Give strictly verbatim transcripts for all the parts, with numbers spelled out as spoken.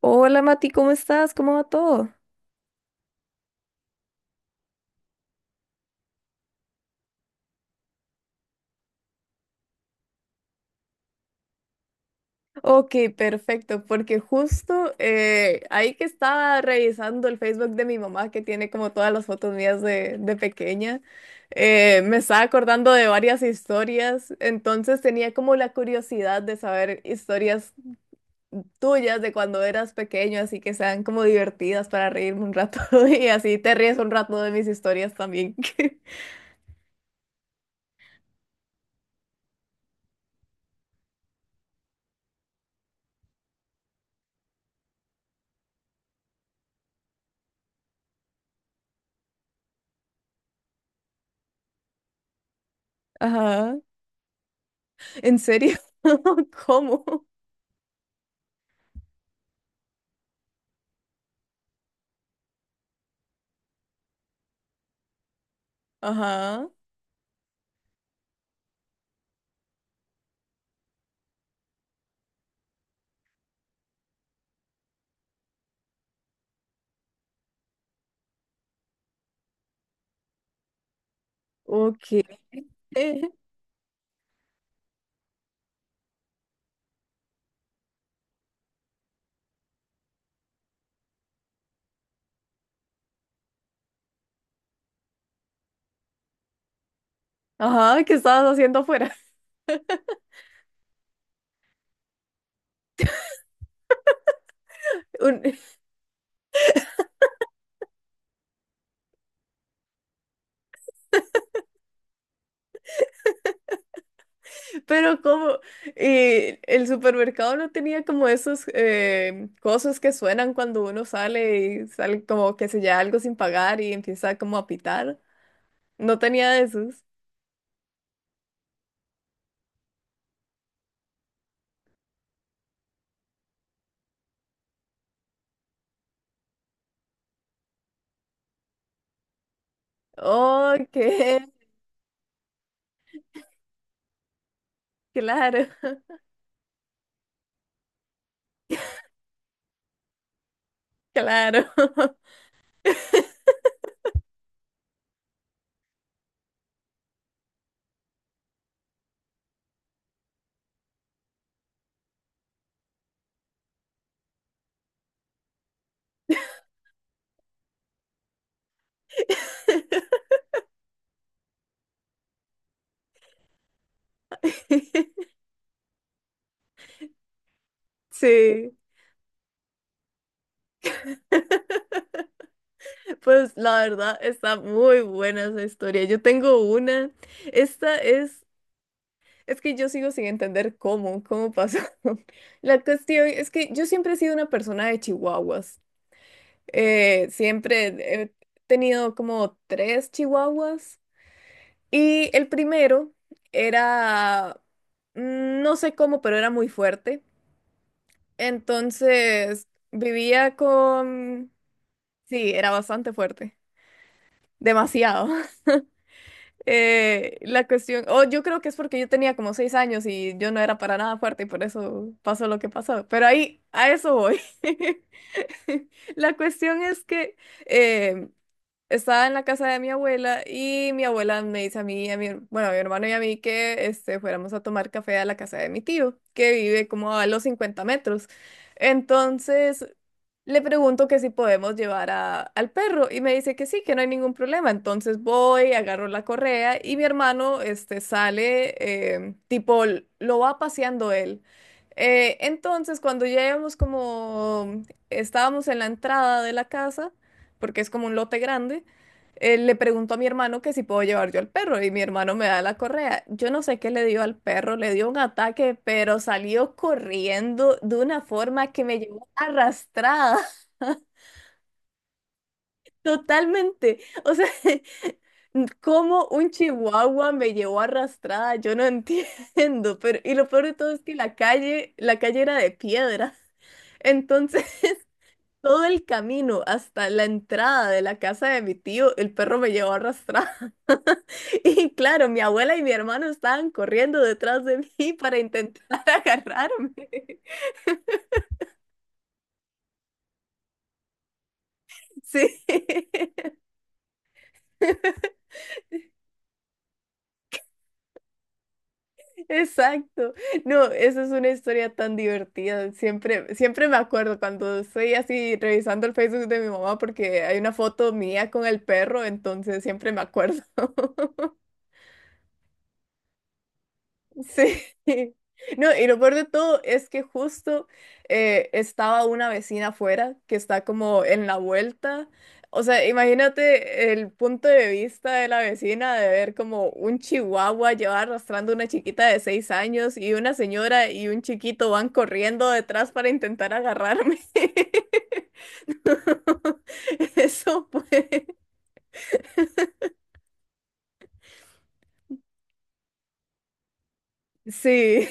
Hola Mati, ¿cómo estás? ¿Cómo va todo? Ok, perfecto, porque justo eh, ahí que estaba revisando el Facebook de mi mamá, que tiene como todas las fotos mías de, de pequeña, eh, me estaba acordando de varias historias, entonces tenía como la curiosidad de saber historias tuyas de cuando eras pequeño, así que sean como divertidas para reírme un rato y así te ríes un rato de mis historias también. Ajá, ¿en serio? ¿Cómo? Ajá. Ok. Ajá, ¿qué estabas haciendo afuera? Un- pero como eh, el supermercado no tenía como esos eh, cosas que suenan cuando uno sale y sale como que se lleva algo sin pagar y empieza como a pitar. No tenía esos. Ok, claro, claro. Sí. Pues la verdad está muy buena esa historia. Yo tengo una. Esta es Es que yo sigo sin entender cómo, cómo pasó. La cuestión es que yo siempre he sido una persona de chihuahuas. Eh, siempre he tenido como tres chihuahuas. Y el primero era, mm, no sé cómo, pero era muy fuerte. Entonces vivía con. Sí, era bastante fuerte. Demasiado. Eh, la cuestión, o yo creo que es porque yo tenía como seis años y yo no era para nada fuerte y por eso pasó lo que pasó. Pero ahí, a eso voy. La cuestión es que eh, estaba en la casa de mi abuela y mi abuela me dice a mí, y a mi, bueno, a mi hermano y a mí que este, fuéramos a tomar café a la casa de mi tío, que vive como a los cincuenta metros. Entonces le pregunto que si podemos llevar a- al perro y me dice que sí, que no hay ningún problema. Entonces voy, agarro la correa y mi hermano este, sale, eh, tipo, l- lo va paseando él. Eh, entonces cuando ya íbamos como, estábamos en la entrada de la casa, porque es como un lote grande, eh, le pregunto a mi hermano que si puedo llevar yo al perro y mi hermano me da la correa. Yo no sé qué le dio al perro, le dio un ataque, pero salió corriendo de una forma que me llevó arrastrada. Totalmente. O sea, cómo un chihuahua me llevó arrastrada, yo no entiendo. Pero, y lo peor de todo es que la calle, la calle era de piedra. Entonces, todo el camino hasta la entrada de la casa de mi tío, el perro me llevó arrastrada. Y claro, mi abuela y mi hermano estaban corriendo detrás de mí para intentar agarrarme. Sí. Exacto. No, esa es una historia tan divertida. Siempre, siempre me acuerdo cuando estoy así revisando el Facebook de mi mamá porque hay una foto mía con el perro, entonces siempre me acuerdo. Sí. No, y lo peor de todo es que justo eh, estaba una vecina afuera que está como en la vuelta. O sea, imagínate el punto de vista de la vecina de ver como un chihuahua lleva arrastrando una chiquita de seis años y una señora y un chiquito van corriendo detrás para intentar agarrarme. Eso fue. Sí,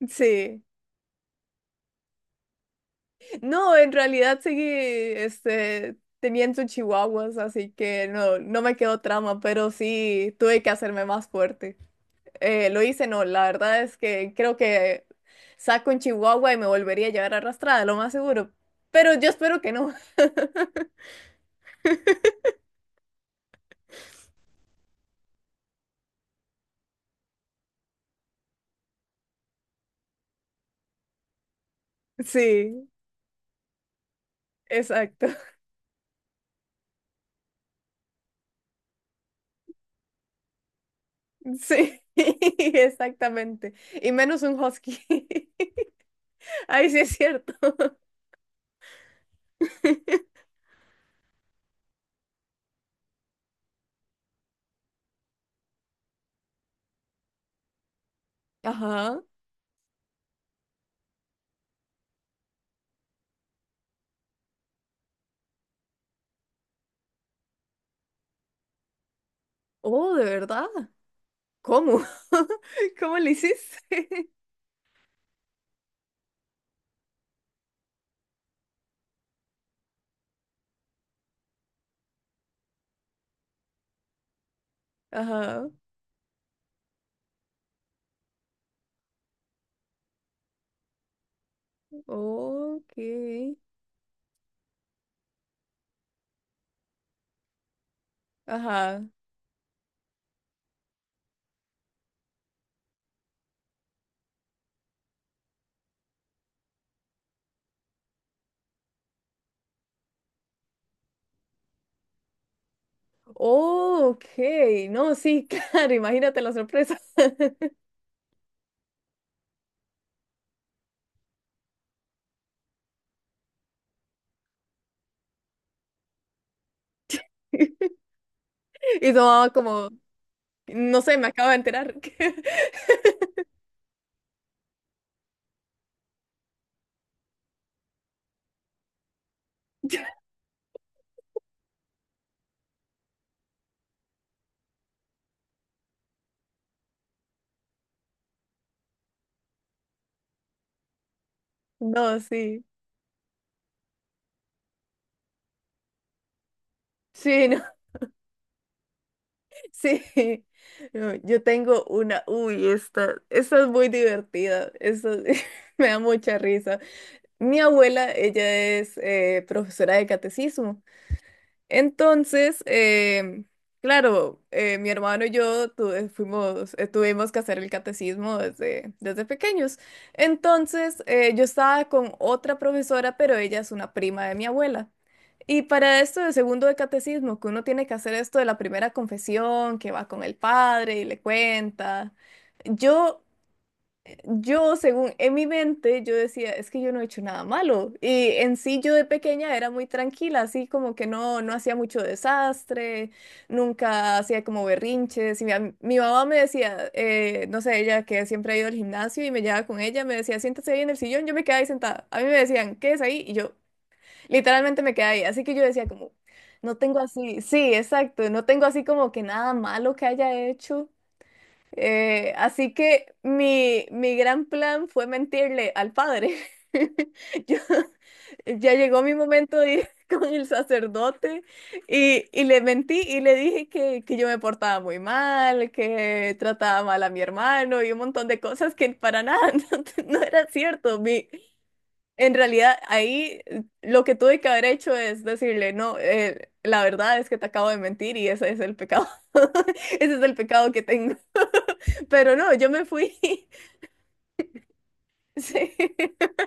sí. No, en realidad seguí este, teniendo chihuahuas, así que no, no me quedó trama, pero sí tuve que hacerme más fuerte. Eh, lo hice, no, la verdad es que creo que saco un chihuahua y me volvería a llevar arrastrada, lo más seguro. Pero yo espero que no. Sí, exacto. Sí, exactamente. Y menos un husky. Ahí sí es cierto. Ajá. Oh, ¿de verdad? ¿Cómo? ¿Cómo le hiciste? Ajá. Ok. Ajá. Ok. No, sí, claro, imagínate la sorpresa. Y su mamá como, no sé, me acabo de enterar. No, sí. Sí, no, sí. No, yo tengo una, uy, esta, esta es muy divertida. Esta me da mucha risa. Mi abuela, ella es eh, profesora de catecismo. Entonces, em, claro, eh, mi hermano y yo tuve- fuimos, eh, tuvimos que hacer el catecismo desde, desde pequeños. Entonces, eh, yo estaba con otra profesora, pero ella es una prima de mi abuela. Y para esto del segundo de catecismo, que uno tiene que hacer esto de la primera confesión, que va con el padre y le cuenta. Yo yo, según en mi mente, yo decía, es que yo no he hecho nada malo. Y en sí, yo de pequeña era muy tranquila, así como que no, no hacía mucho desastre, nunca hacía como berrinches. Y mi, am- mi mamá me decía, eh, no sé, ella que siempre ha ido al gimnasio y me llevaba con ella, me decía, siéntese ahí en el sillón, yo me quedaba ahí sentada. A mí me decían, ¿qué es ahí? Y yo literalmente me quedaba ahí. Así que yo decía como, no tengo así, sí, exacto, no tengo así como que nada malo que haya hecho. Eh, así que mi, mi gran plan fue mentirle al padre. Yo- ya llegó mi momento de ir con el sacerdote y, y le mentí y le dije que, que yo me portaba muy mal, que trataba mal a mi hermano y un montón de cosas que para nada no, te- no era cierto. Mi, en realidad ahí eh, lo que tuve que haber hecho es decirle, no, eh, la verdad es que te acabo de mentir y ese es el pecado. Ese es el pecado que tengo. Pero no, yo me fui. Sí,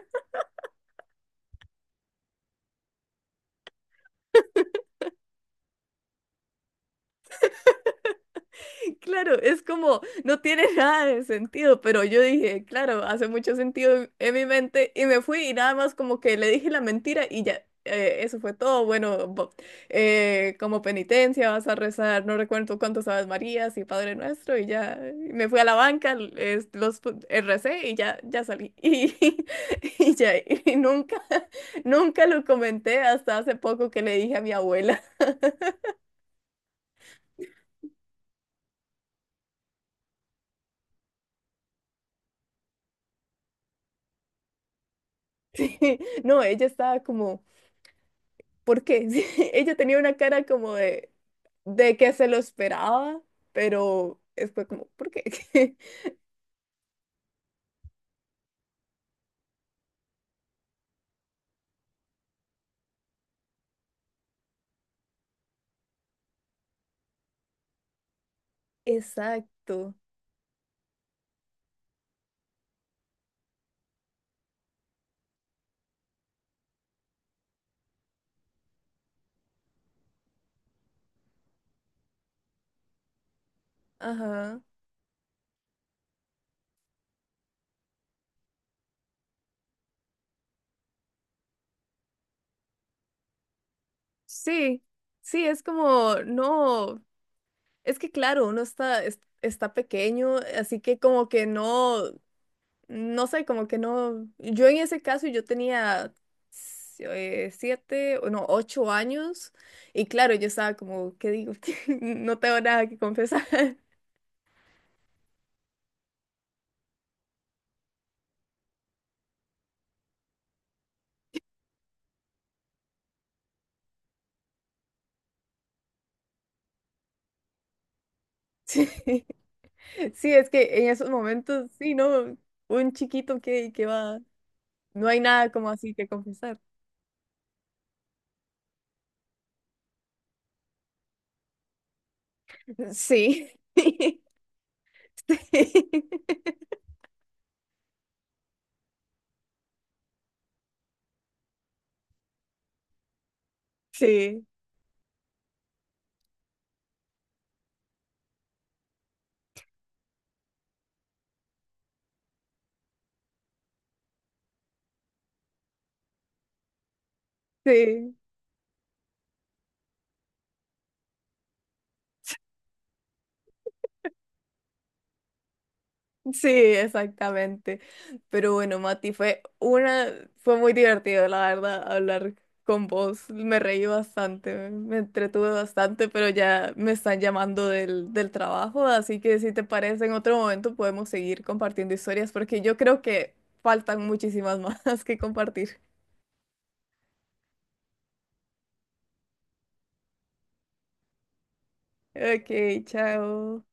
claro, es como, no tiene nada de sentido, pero yo dije, claro, hace mucho sentido en mi mente y me fui y nada más como que le dije la mentira y ya, eh, eso fue todo. Bueno, bo- eh, como penitencia vas a rezar, no recuerdo cuántos Aves Marías y Padre Nuestro y ya, y me fui a la banca, l- es- los pu- eh, recé y ya, ya salí. Y, y ya, y nunca, nunca lo comenté hasta hace poco que le dije a mi abuela. Sí, no, ella estaba como, ¿por qué? Sí, ella tenía una cara como de, de que se lo esperaba, pero fue como, ¿por qué? Exacto, ajá. Sí, sí, es como, no, es que claro, uno está, es- está pequeño, así que como que no. No sé, como que no. Yo en ese caso yo tenía si- eh, siete, o no, ocho años. Y claro, yo estaba como, ¿qué digo? No tengo nada que confesar. Sí, sí, es que en esos momentos, sí, ¿no? Un chiquito que, que va. No hay nada como así que confesar. Sí. Sí. Sí. Sí. Sí, exactamente. Pero bueno, Mati, fue una, fue muy divertido, la verdad, hablar con vos. Me reí bastante, me entretuve bastante, pero ya me están llamando del, del trabajo, así que si te parece, en otro momento podemos seguir compartiendo historias, porque yo creo que faltan muchísimas más que compartir. Ok, chao.